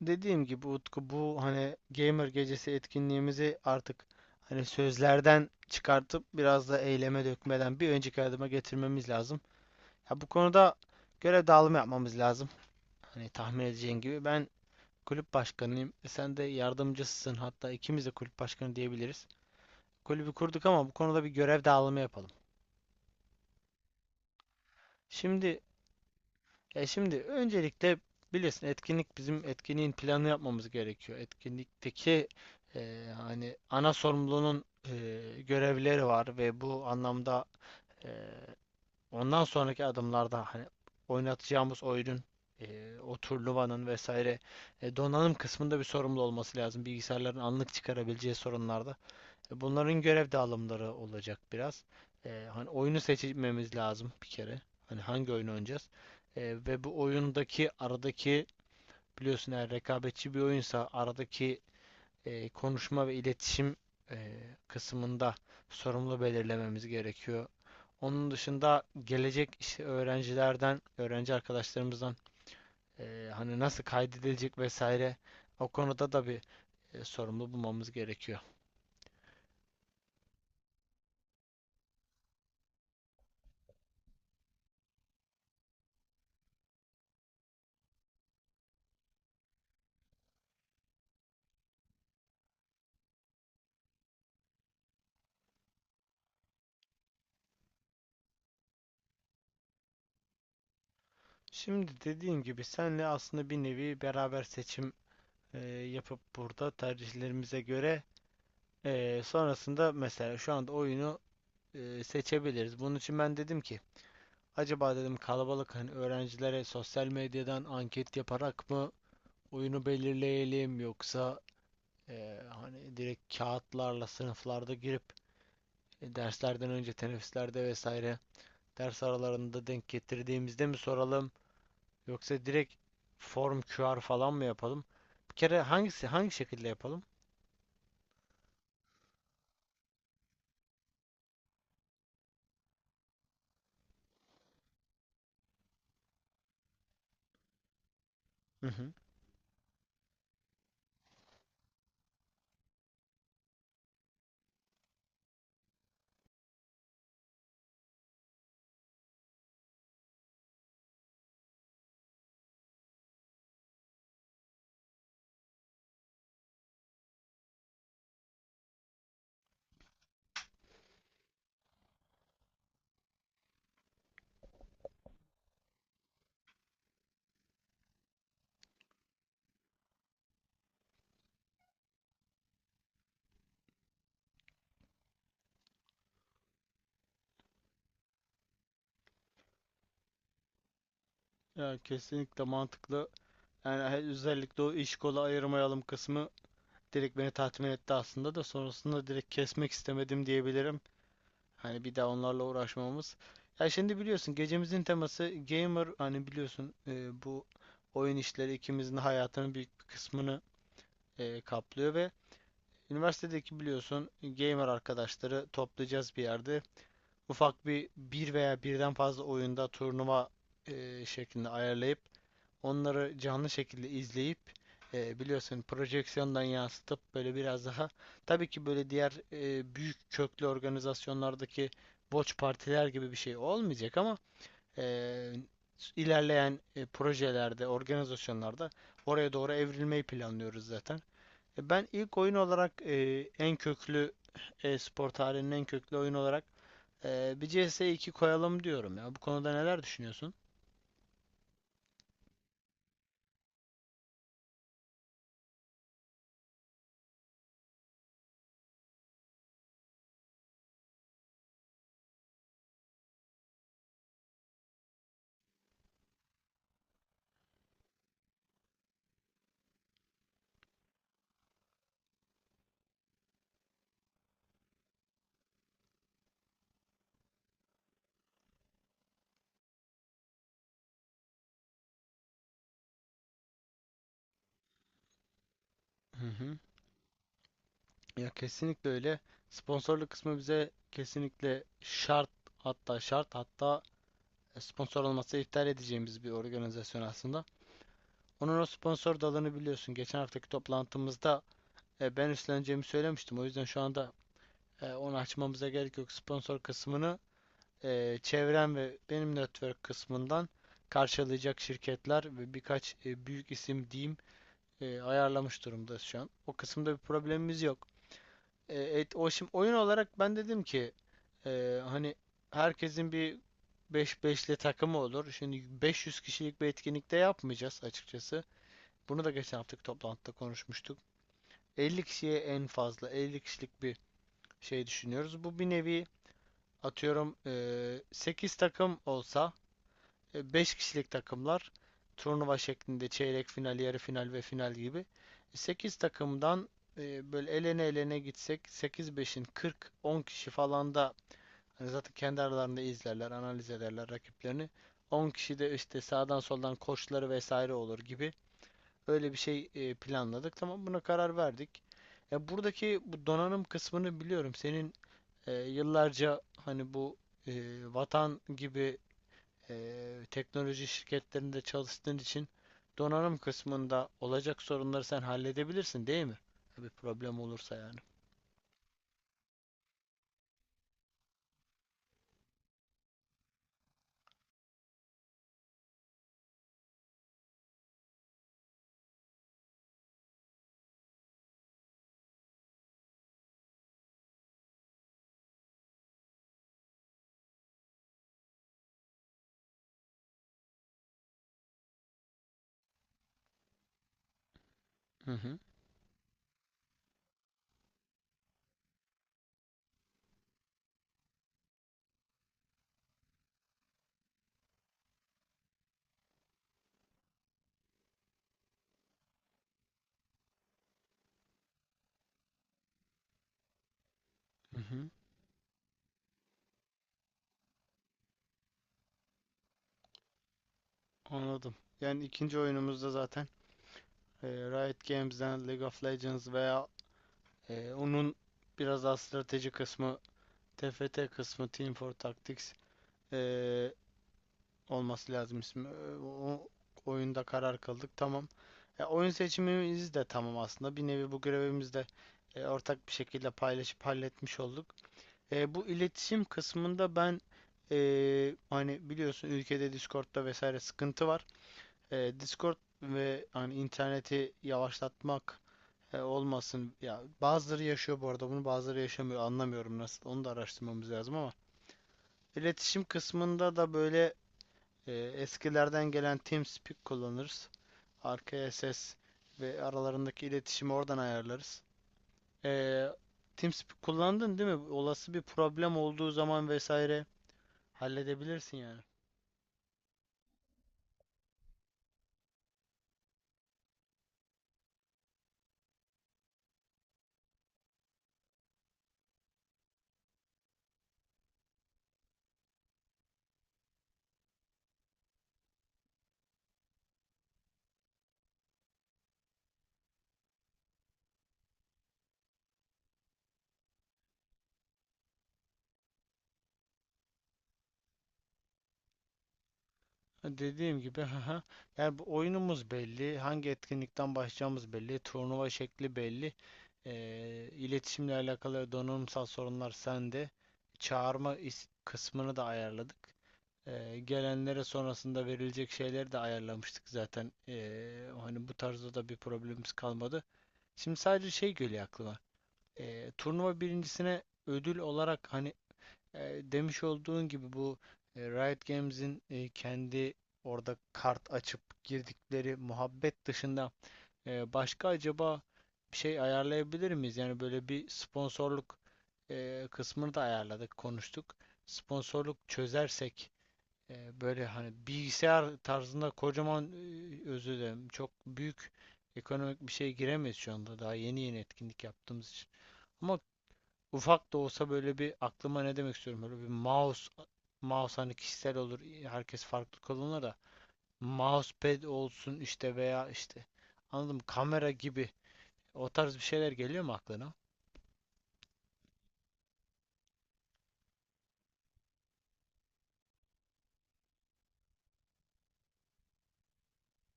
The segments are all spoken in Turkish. Dediğim gibi Utku, bu hani Gamer Gecesi etkinliğimizi artık hani sözlerden çıkartıp biraz da eyleme dökmeden bir önceki adıma getirmemiz lazım. Ya, bu konuda görev dağılımı yapmamız lazım. Hani tahmin edeceğin gibi ben kulüp başkanıyım. Sen de yardımcısısın. Hatta ikimiz de kulüp başkanı diyebiliriz. Kulübü kurduk ama bu konuda bir görev dağılımı yapalım. Şimdi. Ya, şimdi öncelikle bilirsin, etkinlik, bizim etkinliğin planını yapmamız gerekiyor. Etkinlikteki hani ana sorumlunun görevleri var ve bu anlamda e, ondan sonraki adımlarda hani oynatacağımız oyunun o turnuvanın vesaire donanım kısmında bir sorumlu olması lazım. Bilgisayarların anlık çıkarabileceği sorunlarda. Bunların görev dağılımları olacak biraz. Hani oyunu seçmemiz lazım bir kere. Hani hangi oyunu oynayacağız? Ee, ve bu oyundaki aradaki, biliyorsun, eğer rekabetçi bir oyunsa aradaki konuşma ve iletişim e, kısmında sorumlu belirlememiz gerekiyor. Onun dışında gelecek işte öğrencilerden, öğrenci arkadaşlarımızdan hani nasıl kaydedilecek vesaire, o konuda da bir sorumlu bulmamız gerekiyor. Şimdi dediğim gibi senle aslında bir nevi beraber seçim yapıp burada tercihlerimize göre sonrasında, mesela, şu anda oyunu seçebiliriz. Bunun için ben dedim ki, acaba dedim, kalabalık hani öğrencilere sosyal medyadan anket yaparak mı oyunu belirleyelim, yoksa hani direkt kağıtlarla sınıflarda girip derslerden önce teneffüslerde vesaire ders aralarında denk getirdiğimizde mi soralım? Yoksa direkt form QR falan mı yapalım? Bir kere hangisi, hangi şekilde yapalım? Hı hı. Ya, kesinlikle mantıklı. Yani özellikle o iş kola ayırmayalım kısmı direkt beni tatmin etti aslında da sonrasında direkt kesmek istemedim diyebilirim. Hani bir daha onlarla uğraşmamız. Ya, şimdi biliyorsun gecemizin teması gamer, hani biliyorsun bu oyun işleri ikimizin hayatının büyük bir kısmını kaplıyor ve üniversitedeki, biliyorsun, gamer arkadaşları toplayacağız bir yerde. Ufak bir veya birden fazla oyunda turnuva şeklinde ayarlayıp onları canlı şekilde izleyip biliyorsun projeksiyondan yansıtıp böyle biraz daha, tabii ki böyle diğer büyük köklü organizasyonlardaki boç partiler gibi bir şey olmayacak ama e, ilerleyen projelerde, organizasyonlarda oraya doğru evrilmeyi planlıyoruz zaten. Ben ilk oyun olarak en köklü spor tarihinin en köklü oyun olarak bir CS 2 koyalım diyorum ya. Bu konuda neler düşünüyorsun? Hı hı. Ya, kesinlikle öyle. Sponsorluk kısmı bize kesinlikle şart, hatta şart, hatta sponsor olmasa iptal edeceğimiz bir organizasyon aslında. Onun o sponsor dalını biliyorsun. Geçen haftaki toplantımızda ben üstleneceğimi söylemiştim. O yüzden şu anda onu açmamıza gerek yok. Sponsor kısmını çevrem ve benim network kısmından karşılayacak şirketler ve birkaç büyük isim diyeyim ayarlamış durumda şu an. O kısımda bir problemimiz yok. O şimdi oyun olarak ben dedim ki hani herkesin bir 5 beşli takımı olur. Şimdi 500 kişilik bir etkinlikte yapmayacağız açıkçası. Bunu da geçen haftaki toplantıda konuşmuştuk. 50 kişiye, en fazla 50 kişilik bir şey düşünüyoruz. Bu bir nevi atıyorum 8 takım olsa, 5 kişilik takımlar, turnuva şeklinde çeyrek final, yarı final ve final gibi. 8 takımdan böyle elene elene gitsek, sekiz beşin 40, 10 kişi falan da hani zaten kendi aralarında izlerler, analiz ederler rakiplerini. 10 kişi de işte sağdan soldan koçları vesaire olur gibi, öyle bir şey planladık. Tamam, buna karar verdik. Ya, buradaki bu donanım kısmını biliyorum. Senin yıllarca hani bu e, Vatan gibi teknoloji şirketlerinde çalıştığın için donanım kısmında olacak sorunları sen halledebilirsin değil mi? Bir problem olursa yani. Hı hı. Hı hı. Anladım. Yani ikinci oyunumuzda zaten Riot Games'den League of Legends veya onun biraz daha strateji kısmı, TFT kısmı, Team for Tactics eee, olması lazım ismi. O oyunda karar kıldık. Tamam. Ya, oyun seçimimiz de tamam aslında. Bir nevi bu görevimizi de ortak bir şekilde paylaşıp halletmiş olduk. Bu iletişim kısmında ben hani biliyorsun ülkede Discord'da vesaire sıkıntı var. Discord ve hani interneti yavaşlatmak olmasın. Ya, bazıları yaşıyor bu arada bunu, bazıları yaşamıyor. Anlamıyorum nasıl. Onu da araştırmamız lazım ama iletişim kısmında da böyle eskilerden gelen TeamSpeak kullanırız. Arkaya ses ve aralarındaki iletişimi oradan ayarlarız. Ee, TeamSpeak kullandın değil mi? Olası bir problem olduğu zaman vesaire halledebilirsin yani. Dediğim gibi, haha. Yani bu oyunumuz belli, hangi etkinlikten başlayacağımız belli, turnuva şekli belli. İletişimle alakalı donanımsal sorunlar sende. Çağırma kısmını da ayarladık. Gelenlere sonrasında verilecek şeyleri de ayarlamıştık zaten. Hani bu tarzda da bir problemimiz kalmadı. Şimdi sadece şey geliyor aklıma. Turnuva birincisine ödül olarak hani demiş olduğun gibi bu Riot Games'in kendi orada kart açıp girdikleri muhabbet dışında başka acaba bir şey ayarlayabilir miyiz? Yani böyle bir sponsorluk kısmını da ayarladık, konuştuk. Sponsorluk çözersek böyle hani bilgisayar tarzında kocaman, özür dilerim, çok büyük ekonomik bir şey giremeyiz şu anda, daha yeni yeni etkinlik yaptığımız için. Ama ufak da olsa, böyle bir, aklıma ne demek istiyorum, böyle bir mouse, hani kişisel olur herkes farklı kullanır da, mousepad olsun işte, veya işte anladım kamera gibi, o tarz bir şeyler geliyor mu aklına?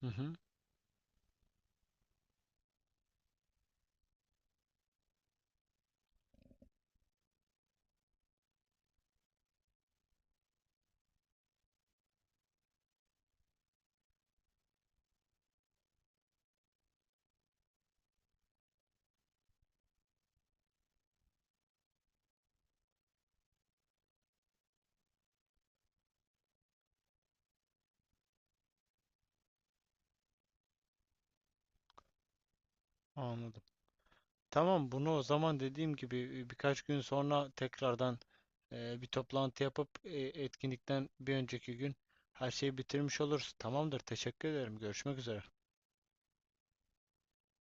Hı hı. Anladım. Tamam, bunu o zaman dediğim gibi birkaç gün sonra tekrardan bir toplantı yapıp etkinlikten bir önceki gün her şeyi bitirmiş oluruz. Tamamdır. Teşekkür ederim. Görüşmek üzere.